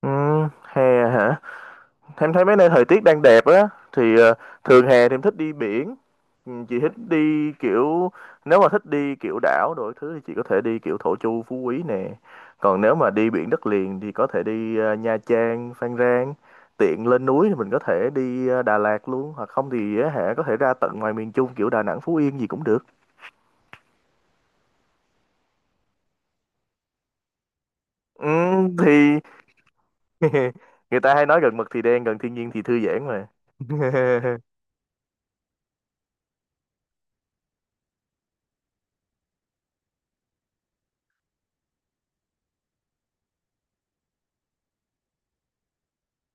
Ừ, hè hả? Em thấy mấy nơi thời tiết đang đẹp á thì thường hè thì em thích đi biển. Ừ, chị thích đi kiểu nếu mà thích đi kiểu đảo đổi thứ thì chị có thể đi kiểu Thổ Chu, Phú Quý nè. Còn nếu mà đi biển đất liền thì có thể đi Nha Trang, Phan Rang. Tiện lên núi thì mình có thể đi Đà Lạt luôn hoặc không thì á hả có thể ra tận ngoài miền Trung kiểu Đà Nẵng, Phú Yên gì cũng được. Ừ, thì người ta hay nói gần mực thì đen, gần thiên nhiên thì thư giãn mà.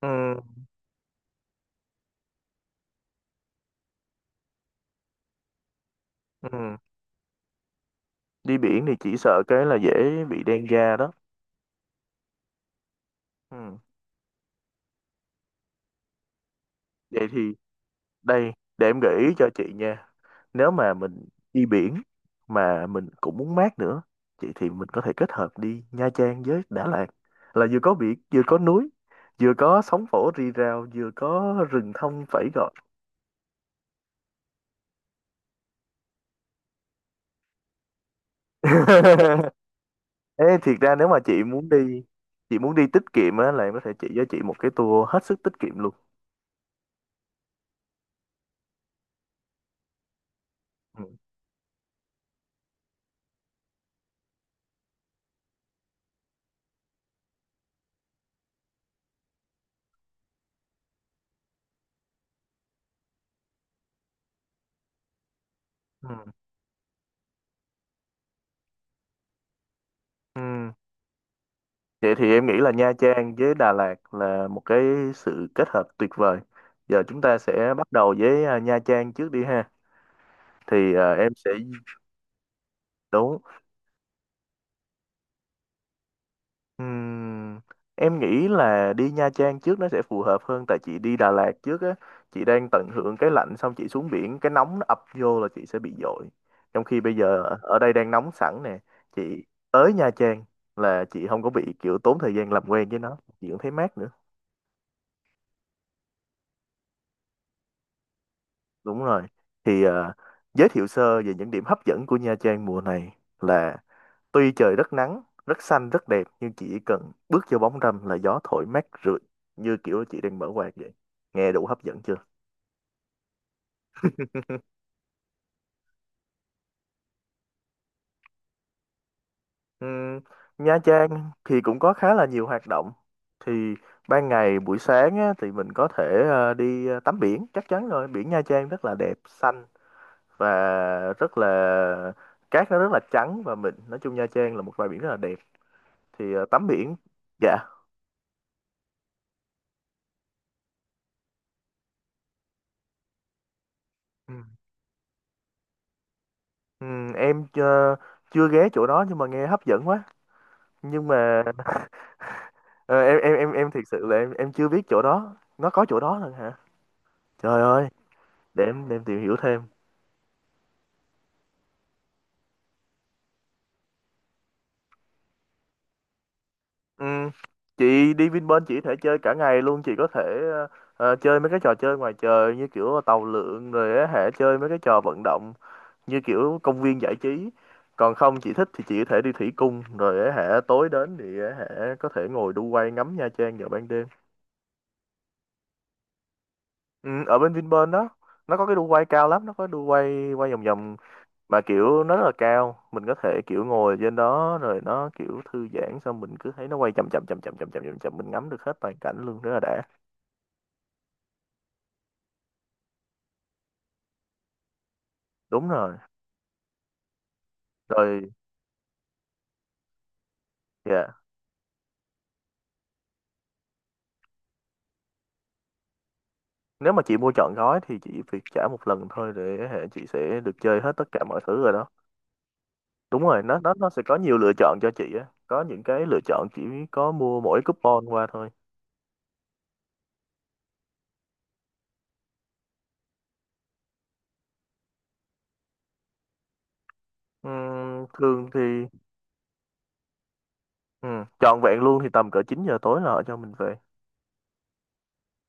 Ừ. Ừ. Đi biển thì chỉ sợ cái là dễ bị đen da đó. Ừ. Vậy thì đây, để em gợi ý cho chị nha. Nếu mà mình đi biển mà mình cũng muốn mát nữa chị thì mình có thể kết hợp đi Nha Trang với Đà Lạt, là vừa có biển vừa có núi, vừa có sóng vỗ rì rào vừa có rừng thông phẩy gọi. Ê, thiệt ra nếu mà chị muốn đi tiết kiệm á là em có thể chỉ cho chị một cái tour hết sức tiết kiệm luôn. Ừ. Ừ. Ừ. Vậy thì em nghĩ là Nha Trang với Đà Lạt là một cái sự kết hợp tuyệt vời. Giờ chúng ta sẽ bắt đầu với Nha Trang trước đi ha. Thì em sẽ. Đúng. Ừm, em nghĩ là đi Nha Trang trước nó sẽ phù hợp hơn tại chị đi Đà Lạt trước á, chị đang tận hưởng cái lạnh xong chị xuống biển cái nóng nó ập vô là chị sẽ bị dội. Trong khi bây giờ ở đây đang nóng sẵn nè, chị tới Nha Trang là chị không có bị kiểu tốn thời gian làm quen với nó, chị cũng thấy mát nữa. Đúng rồi. Thì giới thiệu sơ về những điểm hấp dẫn của Nha Trang mùa này là tuy trời rất nắng, rất xanh, rất đẹp nhưng chỉ cần bước vô bóng râm là gió thổi mát rượi như kiểu chị đang mở quạt vậy. Nghe đủ hấp dẫn chưa? Ừm, Nha Trang thì cũng có khá là nhiều hoạt động. Thì ban ngày buổi sáng á, thì mình có thể đi tắm biển, chắc chắn rồi. Biển Nha Trang rất là đẹp, xanh và rất là cát nó rất là trắng và mình nói chung Nha Trang là một bãi biển rất là đẹp thì tắm biển. Dạ. ừ. Ừ, em chưa ghé chỗ đó nhưng mà nghe hấp dẫn quá nhưng mà ờ, em thiệt sự là em chưa biết chỗ đó nó có chỗ đó luôn hả. Trời ơi, để em tìm hiểu thêm. Ừ. Chị đi Vinpearl chị có thể chơi cả ngày luôn chị có thể ờ, chơi mấy cái trò chơi ngoài trời như kiểu tàu lượn rồi á hả chơi mấy cái trò vận động như kiểu công viên giải trí. Còn không chị thích thì chị có thể đi thủy cung rồi á hả tối đến thì á hả có thể ngồi đu quay ngắm Nha Trang vào ban đêm. Ừ, ở bên Vinpearl đó nó có cái đu quay cao lắm nó có đu quay quay vòng vòng mà kiểu nó rất là cao mình có thể kiểu ngồi trên đó rồi nó kiểu thư giãn xong mình cứ thấy nó quay chậm chậm chậm chậm chậm chậm chậm, chậm. Mình ngắm được hết toàn cảnh luôn rất là đã. Đúng rồi. Rồi. Dạ, nếu mà chị mua trọn gói thì chị việc trả một lần thôi để hệ chị sẽ được chơi hết tất cả mọi thứ rồi đó. Đúng rồi, nó sẽ có nhiều lựa chọn cho chị á có những cái lựa chọn chỉ có mua mỗi coupon qua thôi. Thường thì. Ừ, trọn vẹn luôn thì tầm cỡ 9 giờ tối là họ cho mình về.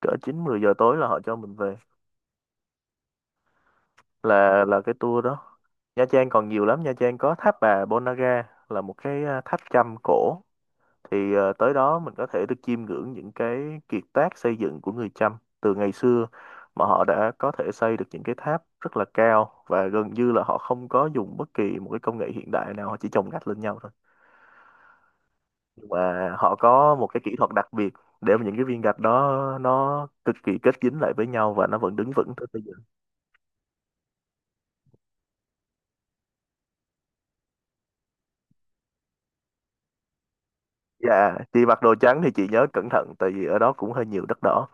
Cỡ 9 10 giờ tối là họ cho mình về. Là cái tour đó. Nha Trang còn nhiều lắm, Nha Trang có tháp bà Ponagar là một cái tháp Chăm cổ. Thì tới đó mình có thể được chiêm ngưỡng những cái kiệt tác xây dựng của người Chăm từ ngày xưa mà họ đã có thể xây được những cái tháp rất là cao và gần như là họ không có dùng bất kỳ một cái công nghệ hiện đại nào, họ chỉ chồng gạch lên nhau thôi nhưng mà họ có một cái kỹ thuật đặc biệt để mà những cái viên gạch đó nó cực kỳ kết dính lại với nhau và nó vẫn đứng vững tới bây giờ. Dạ, chị mặc đồ trắng thì chị nhớ cẩn thận tại vì ở đó cũng hơi nhiều đất đỏ,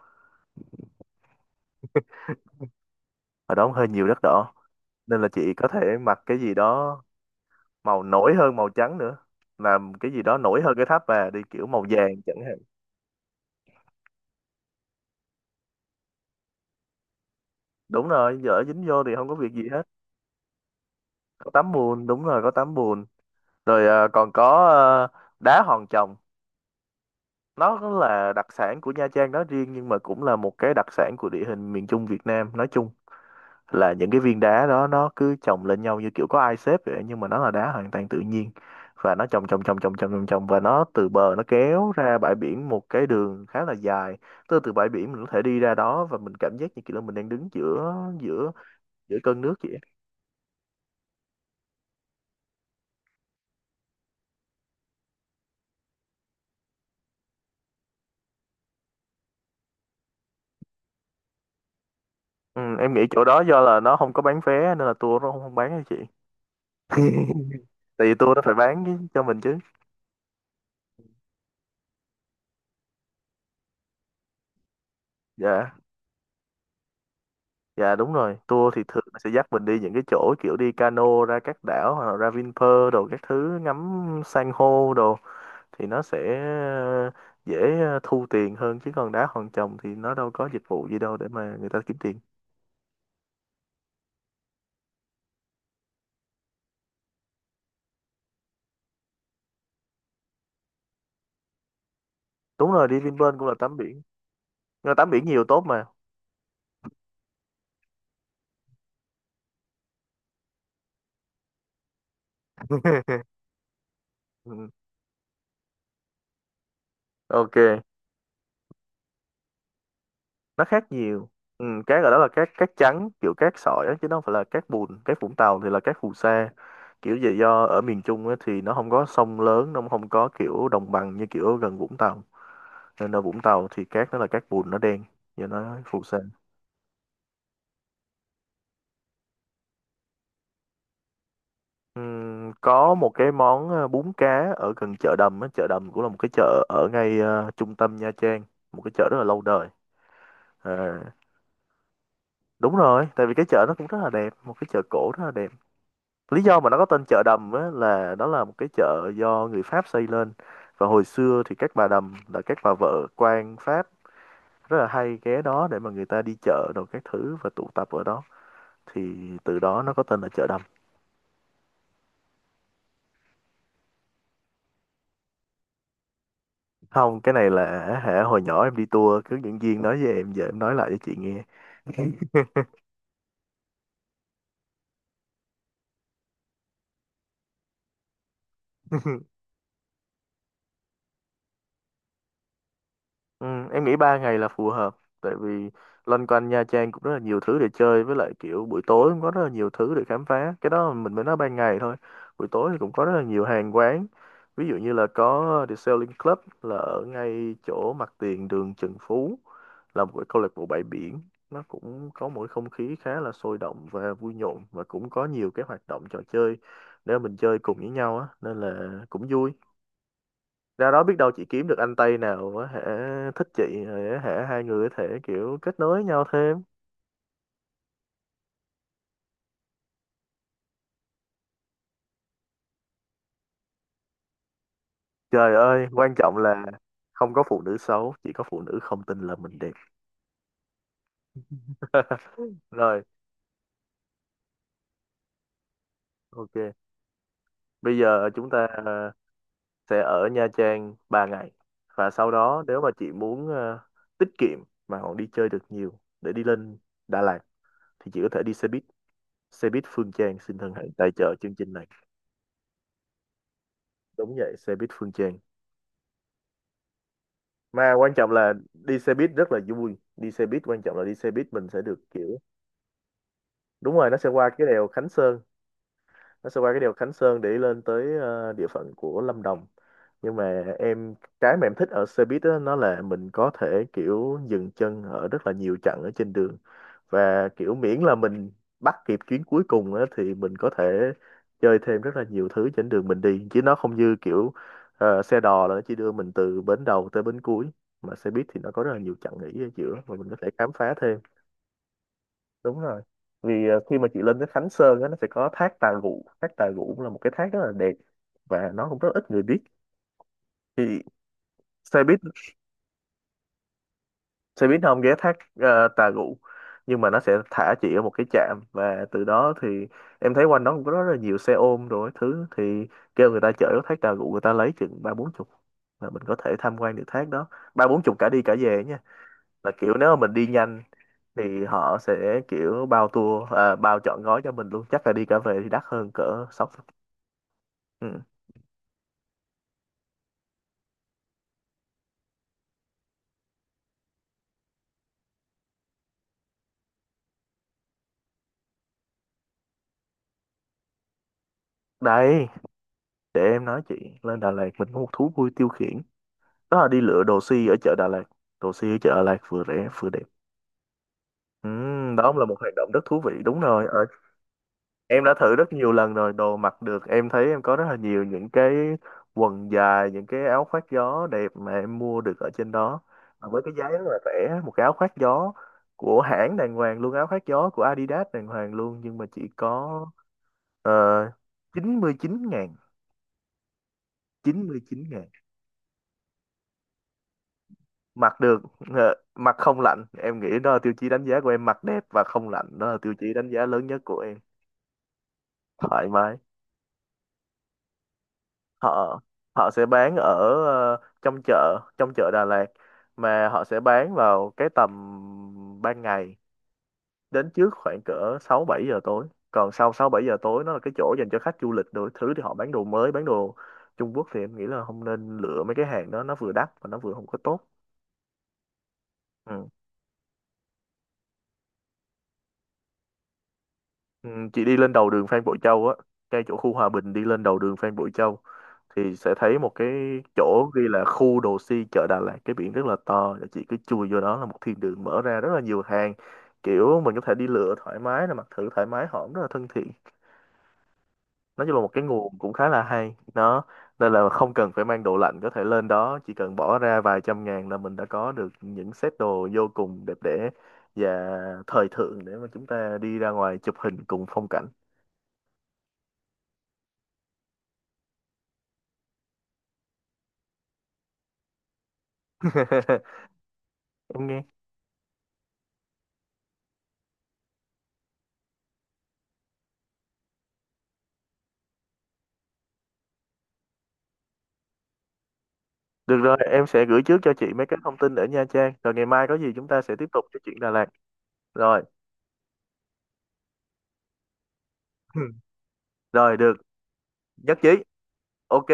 ở đó cũng hơi nhiều đất đỏ nên là chị có thể mặc cái gì đó màu nổi hơn màu trắng nữa, làm cái gì đó nổi hơn cái tháp bà đi kiểu màu vàng chẳng hạn. Đúng rồi, dở dính vô thì không có việc gì hết. Có tắm bùn, đúng rồi có tắm bùn. Rồi còn có đá hòn chồng. Nó là đặc sản của Nha Trang nói riêng nhưng mà cũng là một cái đặc sản của địa hình miền Trung Việt Nam nói chung, là những cái viên đá đó nó cứ chồng lên nhau như kiểu có ai xếp vậy nhưng mà nó là đá hoàn toàn tự nhiên và nó chồng chồng chồng chồng chồng chồng chồng và nó từ bờ nó kéo ra bãi biển một cái đường khá là dài. Từ từ bãi biển mình có thể đi ra đó và mình cảm giác như kiểu là mình đang đứng giữa giữa giữa cơn nước vậy. Ừ, em nghĩ chỗ đó do là nó không có bán vé nên là tour nó không, không bán cho chị. Tại vì tour nó phải bán cho mình chứ. Dạ. Dạ đúng rồi, tour thì thường là sẽ dắt mình đi những cái chỗ kiểu đi cano ra các đảo hoặc là ra Vinpearl đồ các thứ ngắm san hô đồ thì nó sẽ dễ thu tiền hơn chứ còn đá hòn chồng thì nó đâu có dịch vụ gì đâu để mà người ta kiếm tiền. Đúng rồi, đi Vinpearl cũng là tắm biển. Nhưng mà tắm biển nhiều tốt mà. Ừ, Ok. Nó khác nhiều. Ừ, cát ở đó là cát cát trắng kiểu cát sỏi á, chứ nó không phải là cát bùn. Cát Vũng Tàu thì là cát phù sa kiểu vậy do ở miền Trung á, thì nó không có sông lớn nó không có kiểu đồng bằng như kiểu gần Vũng Tàu nên ở Vũng Tàu thì cát nó là cát bùn nó đen và nó phù sa. Có một cái món bún cá ở gần chợ Đầm á. Chợ Đầm cũng là một cái chợ ở ngay trung tâm Nha Trang, một cái chợ rất là lâu đời. Ờ, đúng rồi tại vì cái chợ nó cũng rất là đẹp, một cái chợ cổ rất là đẹp. Lý do mà nó có tên chợ Đầm á, là đó là một cái chợ do người Pháp xây lên và hồi xưa thì các bà đầm là các bà vợ quan Pháp rất là hay ghé đó để mà người ta đi chợ đồ các thứ và tụ tập ở đó thì từ đó nó có tên là chợ Đầm. Không cái này là hả hồi nhỏ em đi tour cứ dẫn viên nói với em giờ em nói lại cho chị nghe. Ừ, em nghĩ 3 ngày là phù hợp tại vì loanh quanh Nha Trang cũng rất là nhiều thứ để chơi với lại kiểu buổi tối cũng có rất là nhiều thứ để khám phá, cái đó mình mới nói ban ngày thôi, buổi tối thì cũng có rất là nhiều hàng quán. Ví dụ như là có The Sailing Club là ở ngay chỗ mặt tiền đường Trần Phú, là một cái câu lạc bộ bãi biển. Nó cũng có một cái không khí khá là sôi động và vui nhộn và cũng có nhiều cái hoạt động trò chơi để mình chơi cùng với nhau á nên là cũng vui. Ra đó biết đâu chị kiếm được anh Tây nào có thể thích chị để hả hai người có thể kiểu kết nối nhau thêm. Trời ơi quan trọng là không có phụ nữ xấu chỉ có phụ nữ không tin là mình đẹp. Rồi, ok, bây giờ chúng ta sẽ ở Nha Trang 3 ngày và sau đó nếu mà chị muốn tiết kiệm mà còn đi chơi được nhiều để đi Lên Đà Lạt thì chị có thể đi xe buýt. Xe buýt Phương Trang xin thân hãy tài trợ chương trình này. Đúng vậy, xe buýt Phương Trang. Mà quan trọng là đi xe buýt rất là vui, đi xe buýt quan trọng là đi xe buýt mình sẽ được kiểu đúng rồi, nó sẽ qua cái đèo Khánh Sơn. Nó sẽ qua cái đèo Khánh Sơn để lên tới địa phận của Lâm Đồng. Nhưng mà em, cái mà em thích ở xe buýt đó, nó là mình có thể kiểu dừng chân ở rất là nhiều chặng ở trên đường, và kiểu miễn là mình bắt kịp chuyến cuối cùng á, thì mình có thể chơi thêm rất là nhiều thứ trên đường mình đi, chứ nó không như kiểu xe đò là nó chỉ đưa mình từ bến đầu tới bến cuối. Mà xe buýt thì nó có rất là nhiều chặng nghỉ ở giữa và mình có thể khám phá thêm đúng rồi. Vì khi mà chị lên tới Khánh Sơn á, nó sẽ có thác Tà Rụ. Thác Tà Rụ cũng là một cái thác rất là đẹp và nó cũng rất ít người biết. Thì xe buýt xe buýt nó không ghé thác Tà Rụ, nhưng mà nó sẽ thả chị ở một cái trạm, và từ đó thì em thấy quanh đó cũng có rất là nhiều xe ôm rồi các thứ. Thì kêu người ta chở ở thác Tà Rụ, người ta lấy chừng ba bốn chục là mình có thể tham quan được thác đó. Ba bốn chục cả đi cả về nha. Là kiểu nếu mà mình đi nhanh thì họ sẽ kiểu bao tour, bao trọn gói cho mình luôn, chắc là đi cả về thì đắt hơn cỡ sáu chục. Ừ. Đây, để em nói chị, lên Đà Lạt mình có một thú vui tiêu khiển, đó là đi lựa đồ si ở chợ Đà Lạt. Đồ si ở chợ Đà Lạt vừa rẻ vừa đẹp. Đó là một hoạt động rất thú vị, đúng rồi. Ờ, em đã thử rất nhiều lần rồi, đồ mặc được. Em thấy em có rất là nhiều những cái quần dài, những cái áo khoác gió đẹp mà em mua được ở trên đó. Mà với cái giá rất là rẻ, một cái áo khoác gió của hãng đàng hoàng luôn, áo khoác gió của Adidas đàng hoàng luôn, nhưng mà chỉ có uh, 99 ngàn. 99 ngàn mặc được. Mặc không lạnh, em nghĩ đó là tiêu chí đánh giá của em, mặc đẹp và không lạnh, đó là tiêu chí đánh giá lớn nhất của em. Thoải mái. Họ Họ sẽ bán ở trong chợ, trong chợ Đà Lạt. Mà họ sẽ bán vào cái tầm ban ngày, đến trước khoảng cỡ 6 7 giờ tối. Còn sau 6 7 giờ tối nó là cái chỗ dành cho khách du lịch đủ thứ, thì họ bán đồ mới, bán đồ Trung Quốc, thì em nghĩ là không nên lựa mấy cái hàng đó, nó vừa đắt và nó vừa không có tốt. Ừ. Ừ, chị đi lên đầu đường Phan Bội Châu á, ngay chỗ khu Hòa Bình, đi lên đầu đường Phan Bội Châu thì sẽ thấy một cái chỗ ghi là khu đồ si chợ Đà Lạt, cái biển rất là to, và chị cứ chui vô đó là một thiên đường mở ra rất là nhiều hàng. Kiểu mình có thể đi lựa thoải mái, là mặc thử thoải mái, họ cũng rất là thân thiện. Nói chung là một cái nguồn cũng khá là hay đó. Nên là không cần phải mang đồ lạnh, có thể lên đó chỉ cần bỏ ra vài trăm ngàn là mình đã có được những set đồ vô cùng đẹp đẽ và thời thượng để mà chúng ta đi ra ngoài chụp hình cùng phong cảnh. Em nghe. Được rồi, em sẽ gửi trước cho chị mấy cái thông tin ở Nha Trang, rồi ngày mai có gì chúng ta sẽ tiếp tục cái chuyện Đà Lạt. Rồi. Rồi, được. Nhất trí. Ok.